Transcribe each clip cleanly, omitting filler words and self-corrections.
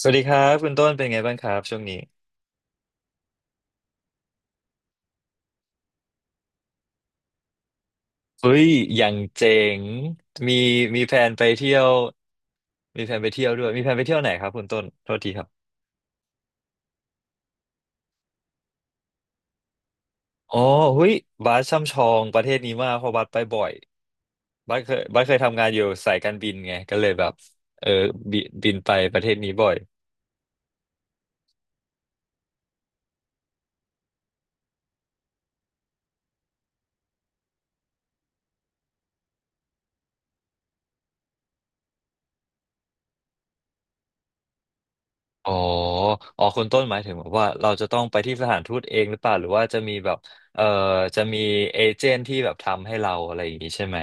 สวัสดีครับคุณต้นเป็นไงบ้างครับช่วงนี้เฮ้ยอย่างเจ๋งมีมีแผนไปเที่ยวมีแผนไปเที่ยวไหนครับคุณต้นโทษทีครับอ๋อเฮ้ยบาสช่ำชองประเทศนี้มากเพราะบาสไปบ่อยบาสเคยทำงานอยู่สายการบินไงก็เลยแบบเออบินไปประเทศนี้บ่อยอ๋อคุณต้นหมายถึงแบบว่าเราจะต้องไปที่สถานทูตเองหรือเปล่าหรือว่าจะมีแบบเอ่อจะมีเอเจนต์ที่แบบทำให้เราอะไรอย่างนี้ใช่ไหม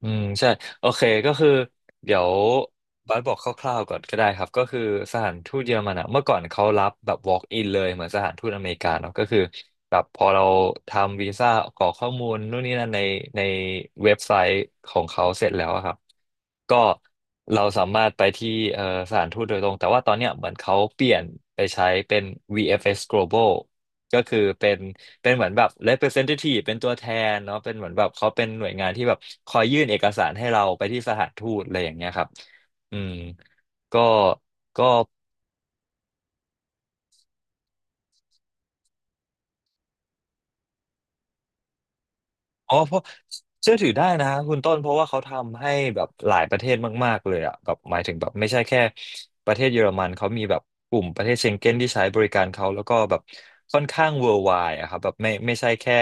อืมใช่โอเคก็คือเดี๋ยวบัสบอกคร่าวๆก่อนก็ได้ครับก็คือสถานทูตเยอรมันอะเมื่อก่อนเขารับแบบ walk in เลยเหมือนสถานทูตอเมริกาเนาะก็คือแบบพอเราทำวีซ่ากรอกข้อมูลนู่นนี่นั่นในเว็บไซต์ของเขาเสร็จแล้วอะครับก็เราสามารถไปที่เอ่อสถานทูตโดยตรงแต่ว่าตอนเนี้ยเหมือนเขาเปลี่ยนไปใช้เป็น VFS Global ก็คือเป็นเหมือนแบบ representative เป็นตัวแทนเนาะเป็นเหมือนแบบเขาเป็นหน่วยงานที่แบบคอยยื่นเอกสารให้เราไปที่สถานทูตอะไรอย่างเงี้ยครับอืมก็ก็อ๋อเพราะเชื่อถือได้นะคุณต้นเพราะว่าเขาทำให้แบบหลายประเทศมากๆเลยอะแบบหมายถึงแบบไม่ใช่แค่ประเทศเยอรมันเขามีแบบกลุ่มประเทศเชงเก้นที่ใช้บริการเขาแล้วก็แบบค่อนข้าง worldwide อะครับแบบไม่ใช่แค่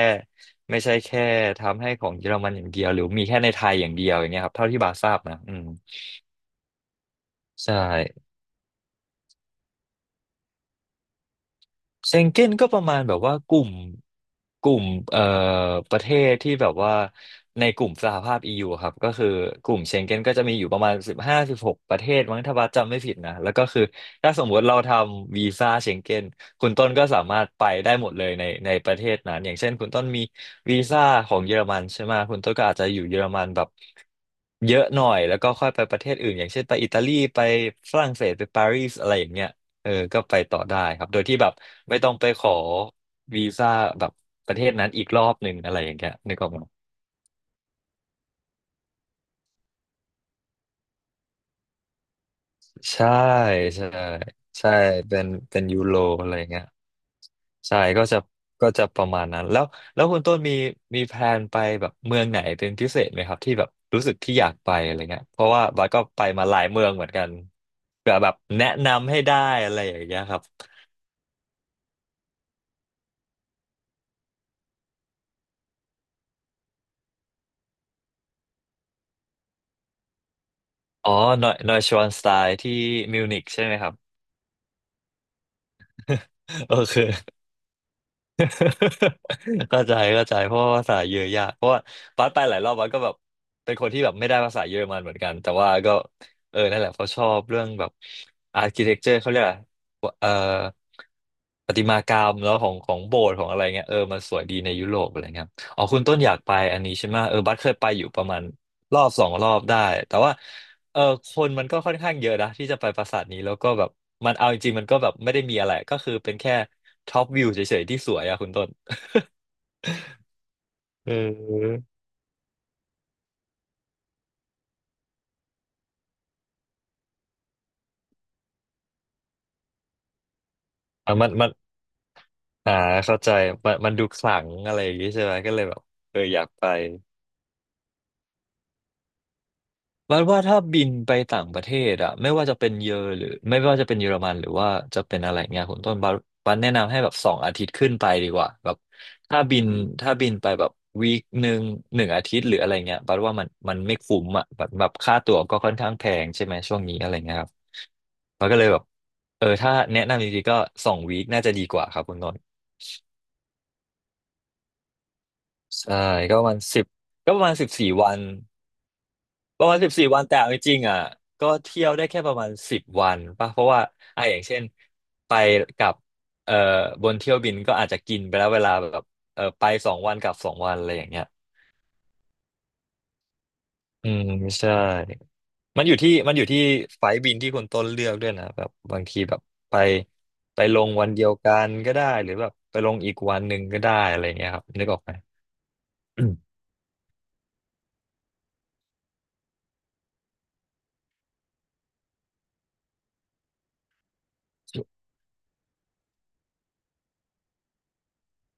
ไม่ใช่แค่ทำให้ของเยอรมันอย่างเดียวหรือมีแค่ในไทยอย่างเดียวอย่างเงี้ยครับเท่าที่บาทราบนะอืมใช่ เชงเก้นก็ประมาณแบบว่ากลุ่มเอ่อประเทศที่แบบว่าในกลุ่มสหภาพ EU ครับก็คือกลุ่มเชงเก้นก็จะมีอยู่ประมาณ15-16ประเทศมั้งถ้าบัสจำไม่ผิดนะแล้วก็คือถ้าสมมติเราทำวีซ่าเชงเก้นคุณต้นก็สามารถไปได้หมดเลยในประเทศนั้นอย่างเช่นคุณต้นมีวีซ่าของเยอรมันใช่ไหมคุณต้นก็อาจจะอยู่เยอรมันแบบเยอะหน่อยแล้วก็ค่อยไปประเทศอื่นอย่างเช่นไปอิตาลีไปฝรั่งเศสไปปารีสอะไรอย่างเงี้ย เออก็ไปต่อได้ครับ โดยที่แบบไม่ต้องไปขอวีซ่าแบบประเทศนั้นอีกรอบหนึ่งอะไรอย่างเงี้ยนึกออกไหมใช่ใช่ใช่เป็นยูโรอะไรเงี้ยใช่ก็จะประมาณนั้นแล้วคุณต้นมีแพลนไปแบบเมืองไหนเป็นพิเศษไหมครับที่แบบรู้สึกที่อยากไปอะไรเงี้ยเพราะว่าบัสก็ไปมาหลายเมืองเหมือนกันเผื่อแบบแนะนำให้ได้อะไรอย่างเงี้ยครับอ๋อนอยนอยชวานสไตล์ที่มิวนิกใช่ไหมครับ โอเค เข้าใจเพราะว่าภาษาเยอะยากเพราะว่าบัสไปหลายรอบบัสก็แบบเป็นคนที่แบบไม่ได้ภาษาเยอรมันเหมือนกันแต่ว่าก็เออนั่นแหละเขาะชอบเรื่องแบบอาร์คิเทคเจอร์เขาเรียกอะไรเอ่อประติมากรรมแล้วของโบสถ์ของอะไรเงี้ยเออมันสวยดีในยุโรปอะไรเงี้ยอ๋อคุณต้นอยากไปอันนี้ใช่ไหมเออบัสเคยไปอยู่ประมาณรอบสองรอบได้แต่ว่า เออคนมันก็ค่อนข้างเยอะนะที่จะไปปราสาทนี้แล้วก็แบบเอาจริงๆมันก็แบบไม่ได้มีอะไรก็คือเป็นแค่ท็อปวิวเฉยๆที่สวยอะคุณต้น เออ อ่ะมันอ่าเข้าใจมันดูขลังอะไรอย่างงี้ใช่ไหมก็เลยแบบเอออยากไป บัดว่าถ้าบินไปต่างประเทศอะไม่ว่าจะเป็นเยอรหรือไม่ว่าจะเป็นเยอรมันหรือว่าจะเป็นอะไรเงี้ยคุณต้นบัสแนะนำให้แบบ2 อาทิตย์ขึ้นไปดีกว่าแบบถ้าบินถ้าบินไปแบบ1 วีค1 อาทิตย์หรืออะไรเงี้ยบัดว่ามันไม่คุ้มอะแบบค่าตั๋วก็ค่อนข้างแพงใช่ไหมช่วงนี้อะไรเงี้ยครับมันก็เลยแบบเออถ้าแนะนำจริงๆก็2 วีคน่าจะดีกว่าครับคุณต้นใช่ก็ประมาณสิบก็ประมาณ14วัน ประมาณ14วันแต่เอาจริงๆอ่ะก็เที่ยวได้แค่ประมาณสิบวันป่ะเพราะว่าอ่ะอย่างเช่นไปกับเอ่อบนเที่ยวบินก็อาจจะกินไปแล้วเวลาแบบเออไปสองวันกลับสองวันอะไรอย่างเงี้ยอืมใช่มันอยู่ที่ไฟล์บินที่คุณต้นเลือกด้วยนะแบบบางทีแบบไปไปลงวันเดียวกันก็ได้หรือแบบไปลงอีกวันหนึ่งก็ได้อะไรเงี้ยครับนึกออกไหมอืม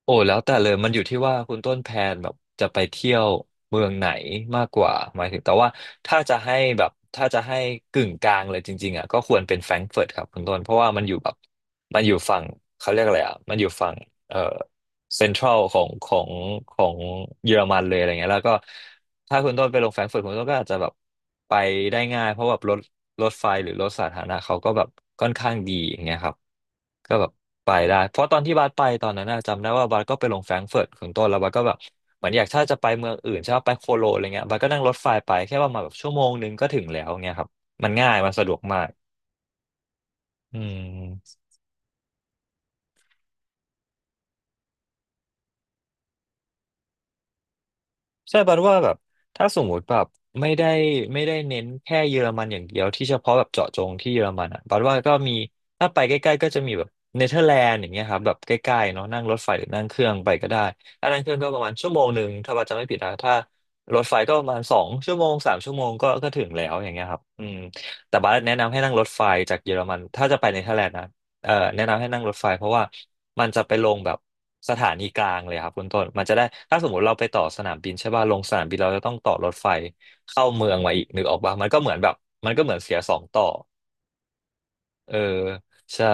โอ้แล้วแต่เลยมันอยู่ที่ว่าคุณต้นแพลนแบบจะไปเที่ยวเมืองไหนมากกว่าหมายถึงแต่ว่าถ้าจะให้กึ่งกลางเลยจริงๆอ่ะก็ควรเป็นแฟรงก์เฟิร์ตครับคุณต้นเพราะว่ามันอยู่แบบมันอยู่ฝั่งเขาเรียกอะไรอ่ะมันอยู่ฝั่งเออ เซ็นทรัลของเยอรมันเลยอะไรเงี้ยแล้วก็ถ้าคุณต้นไปลงแฟรงก์เฟิร์ตคุณต้นก็อาจจะแบบไปได้ง่ายเพราะแบบรถไฟหรือรถสาธารณะเขาก็แบบค่อนข้างดีอย่างเงี้ยครับก็แบบไปได้เพราะตอนที่บัสไปตอนนั้นน่ะจำได้ว่าบัสก็ไปลงแฟรงก์เฟิร์ตของต้นแล้วบัสก็แบบเหมือนอยากถ้าจะไปเมืองอื่นใช่ไหมไปโคโลนอะไรเงี้ยบัสก็นั่งรถไฟไปแค่ประมาณแบบชั่วโมงนึงก็ถึงแล้วเงี้ยครับมันง่ายมันสะดวกมากอืม ใช่บันว่าแบบถ้าสมมติแบบไม่ได้ไม่ได้เน้นแค่เยอรมันอย่างเดียวที่เฉพาะแบบเจาะจงที่เยอรมันอ่ะบันว่าก็มีถ้าไปใกล้ๆก็จะมีแบบเนเธอร์แลนด์อย่างเงี้ยครับแบบใกล้ๆเนาะนั่งรถไฟหรือนั่งเครื่องไปก็ได้ถ้านั่งเครื่องก็ประมาณชั่วโมงหนึ่งถ้าบันจำไม่ผิดนะถ้ารถไฟก็ประมาณสองชั่วโมง3 ชั่วโมงก็ถึงแล้วอย่างเงี้ยครับอืมแต่บันแนะนำให้นั่งรถไฟจากเยอรมันถ้าจะไปเนเธอร์แลนด์นะ แนะนำให้นั่งรถไฟเพราะว่ามันจะไปลงแบบสถานีกลางเลยครับคุณต้นมันจะได้ถ้าสมมติเราไปต่อสนามบินใช่ป่ะลงสนามบินเราจะต้องต่อรถไฟเข้าเมืองมาอีกนึกออกป่ะมันก็เหมือนเสียสองต่อเออใช่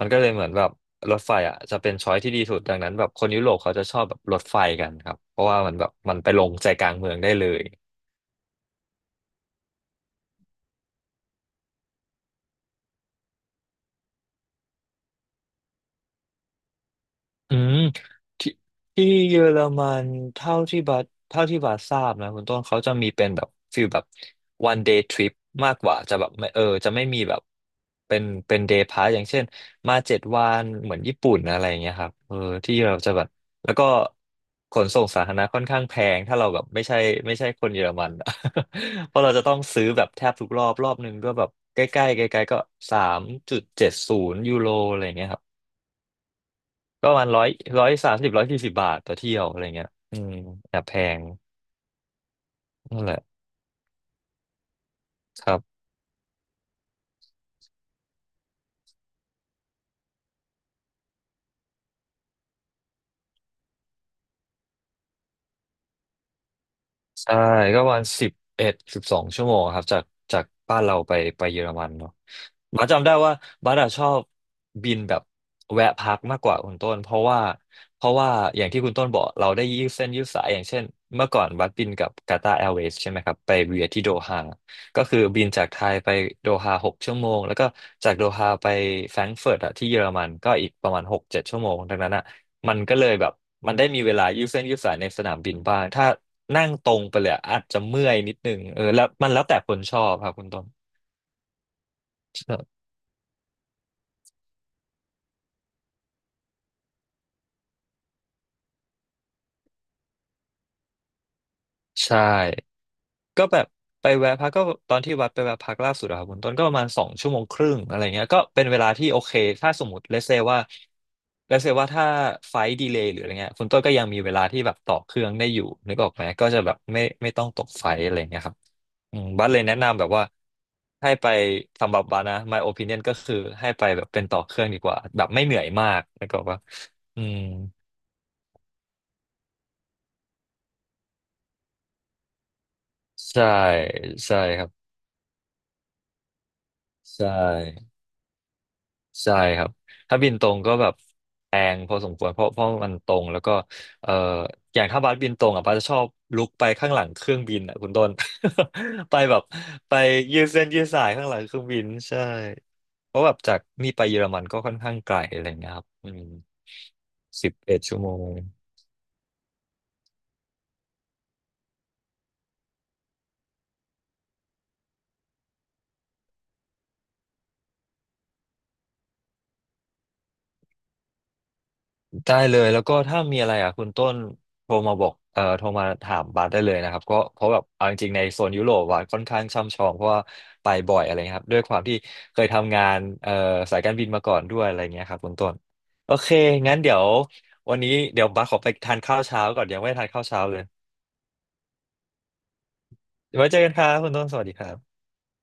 มันก็เลยเหมือนแบบรถไฟอ่ะจะเป็นช้อยที่ดีสุดดังนั้นแบบคนยุโรปเขาจะชอบแบบรถไฟกันครับเพราะว่ามันแบบมันไปลงใจกลางเมืองได้เลย อืมที่ที่เยอรมันเท่าที่บัสทราบนะคุณต้นเขาจะมีเป็นแบบฟีลแบบ one day trip มากกว่าจะแบบไม่จะไม่มีแบบเป็น day pass อย่างเช่นมา7 วันเหมือนญี่ปุ่นอะไรอย่างเงี้ยครับเออที่เราจะแบบแล้วก็ขนส่งสาธารณะค่อนข้างแพงถ้าเราแบบไม่ใช่คนเยอรมันอะ เพราะเราจะต้องซื้อแบบแทบทุกรอบรอบหนึ่งก็แบบใกล้ๆใกล้ๆก็3.70ยูโรอะไรอย่างเงี้ยครับ ก็ประมาณร้อยสามสิบ140บาทต่อเที่ยวอะไรเงี้ยอืมแอบแพงนั่นแหละครับ ใช่ก็วันสิบเอ็ด12 ชั่วโมงครับจากบ้านเราไปเยอรมันเนาะบัสจำได้ว่าบัสอะชอบบินแบบแวะพักมากกว่าคุณต้นเพราะว่าอย่างที่คุณต้นบอกเราได้ยืดเส้นยืดสายอย่างเช่นเมื่อก่อนบัสบินกับกาตาร์แอร์เวย์ใช่ไหมครับไปเวียที่โดฮาก็คือบินจากไทยไปโดฮา6 ชั่วโมงแล้วก็จากโดฮาไปแฟรงก์เฟิร์ตอะที่เยอรมันก็อีกประมาณ6-7 ชั่วโมงดังนั้นอะ มันก็เลยแบบมันได้มีเวลายืดเส้นยืดสายในสนามบินบ้างถ้านั่งตรงไปเลยอะอาจจะเมื่อยนิดนึงเออแล้วมันแล้วแต่คนชอบครับคุณต้นใช่ใช่ก็แบบไปแวะพักก็ตอนที่วัดไปแวะพักล่าสุดอะครับคุณต้นก็ประมาณ2 ชั่วโมงครึ่งอะไรเงี้ยก็เป็นเวลาที่โอเคถ้าสมมติเลเซว่าถ้าไฟดีเลย์หรืออะไรเงี้ยคุณต้นก็ยังมีเวลาที่แบบต่อเครื่องได้อยู่นึกออกไหมก็จะแบบไม่ต้องตกไฟอะไรเงี้ยครับ อืมบัสเลยแนะนำแบบว่าให้ไปสำหรับบัสนะ my opinion ก็คือให้ไปแบบเป็นต่อเครื่องดีกว่าแบบไม่เหนื่อยมากแล้วก็ว่าอืมใช่ใช่ครับใช่ใช่ครับถ้าบินตรงก็แบบแพงพอสมควรเพราะมันตรงแล้วก็เอ่ออย่างถ้าบัสบินตรงอ่ะบัสจะชอบลุกไปข้างหลังเครื่องบินอ่ะคุณต้น ไปแบบไปยืดเส้นยืดสายข้างหลังเครื่องบินใช่ เพราะแบบจากนี่ไปเยอรมันก็ค่อนข้างไกลอะไรเงี้ยครับอืม11 ชั่วโมงได้เลยแล้วก็ถ้ามีอะไรอ่ะคุณต้นโทรมาบอกโทรมาถามบาสได้เลยนะครับก็เพราะแบบเอาจริงๆในโซนยุโรปบาสค่อนข้างช่ำชองเพราะว่าไปบ่อยอะไรเงี้ยครับด้วยความที่เคยทำงานสายการบินมาก่อนด้วยอะไรเงี้ยครับคุณต้นโอเคงั้นเดี๋ยววันนี้เดี๋ยวบาสขอไปทานข้าวเช้าก่อนยังไม่ได้ทานข้าวเช้าเลยไว้เจอกันครับคุณต้นสวัสดีครับ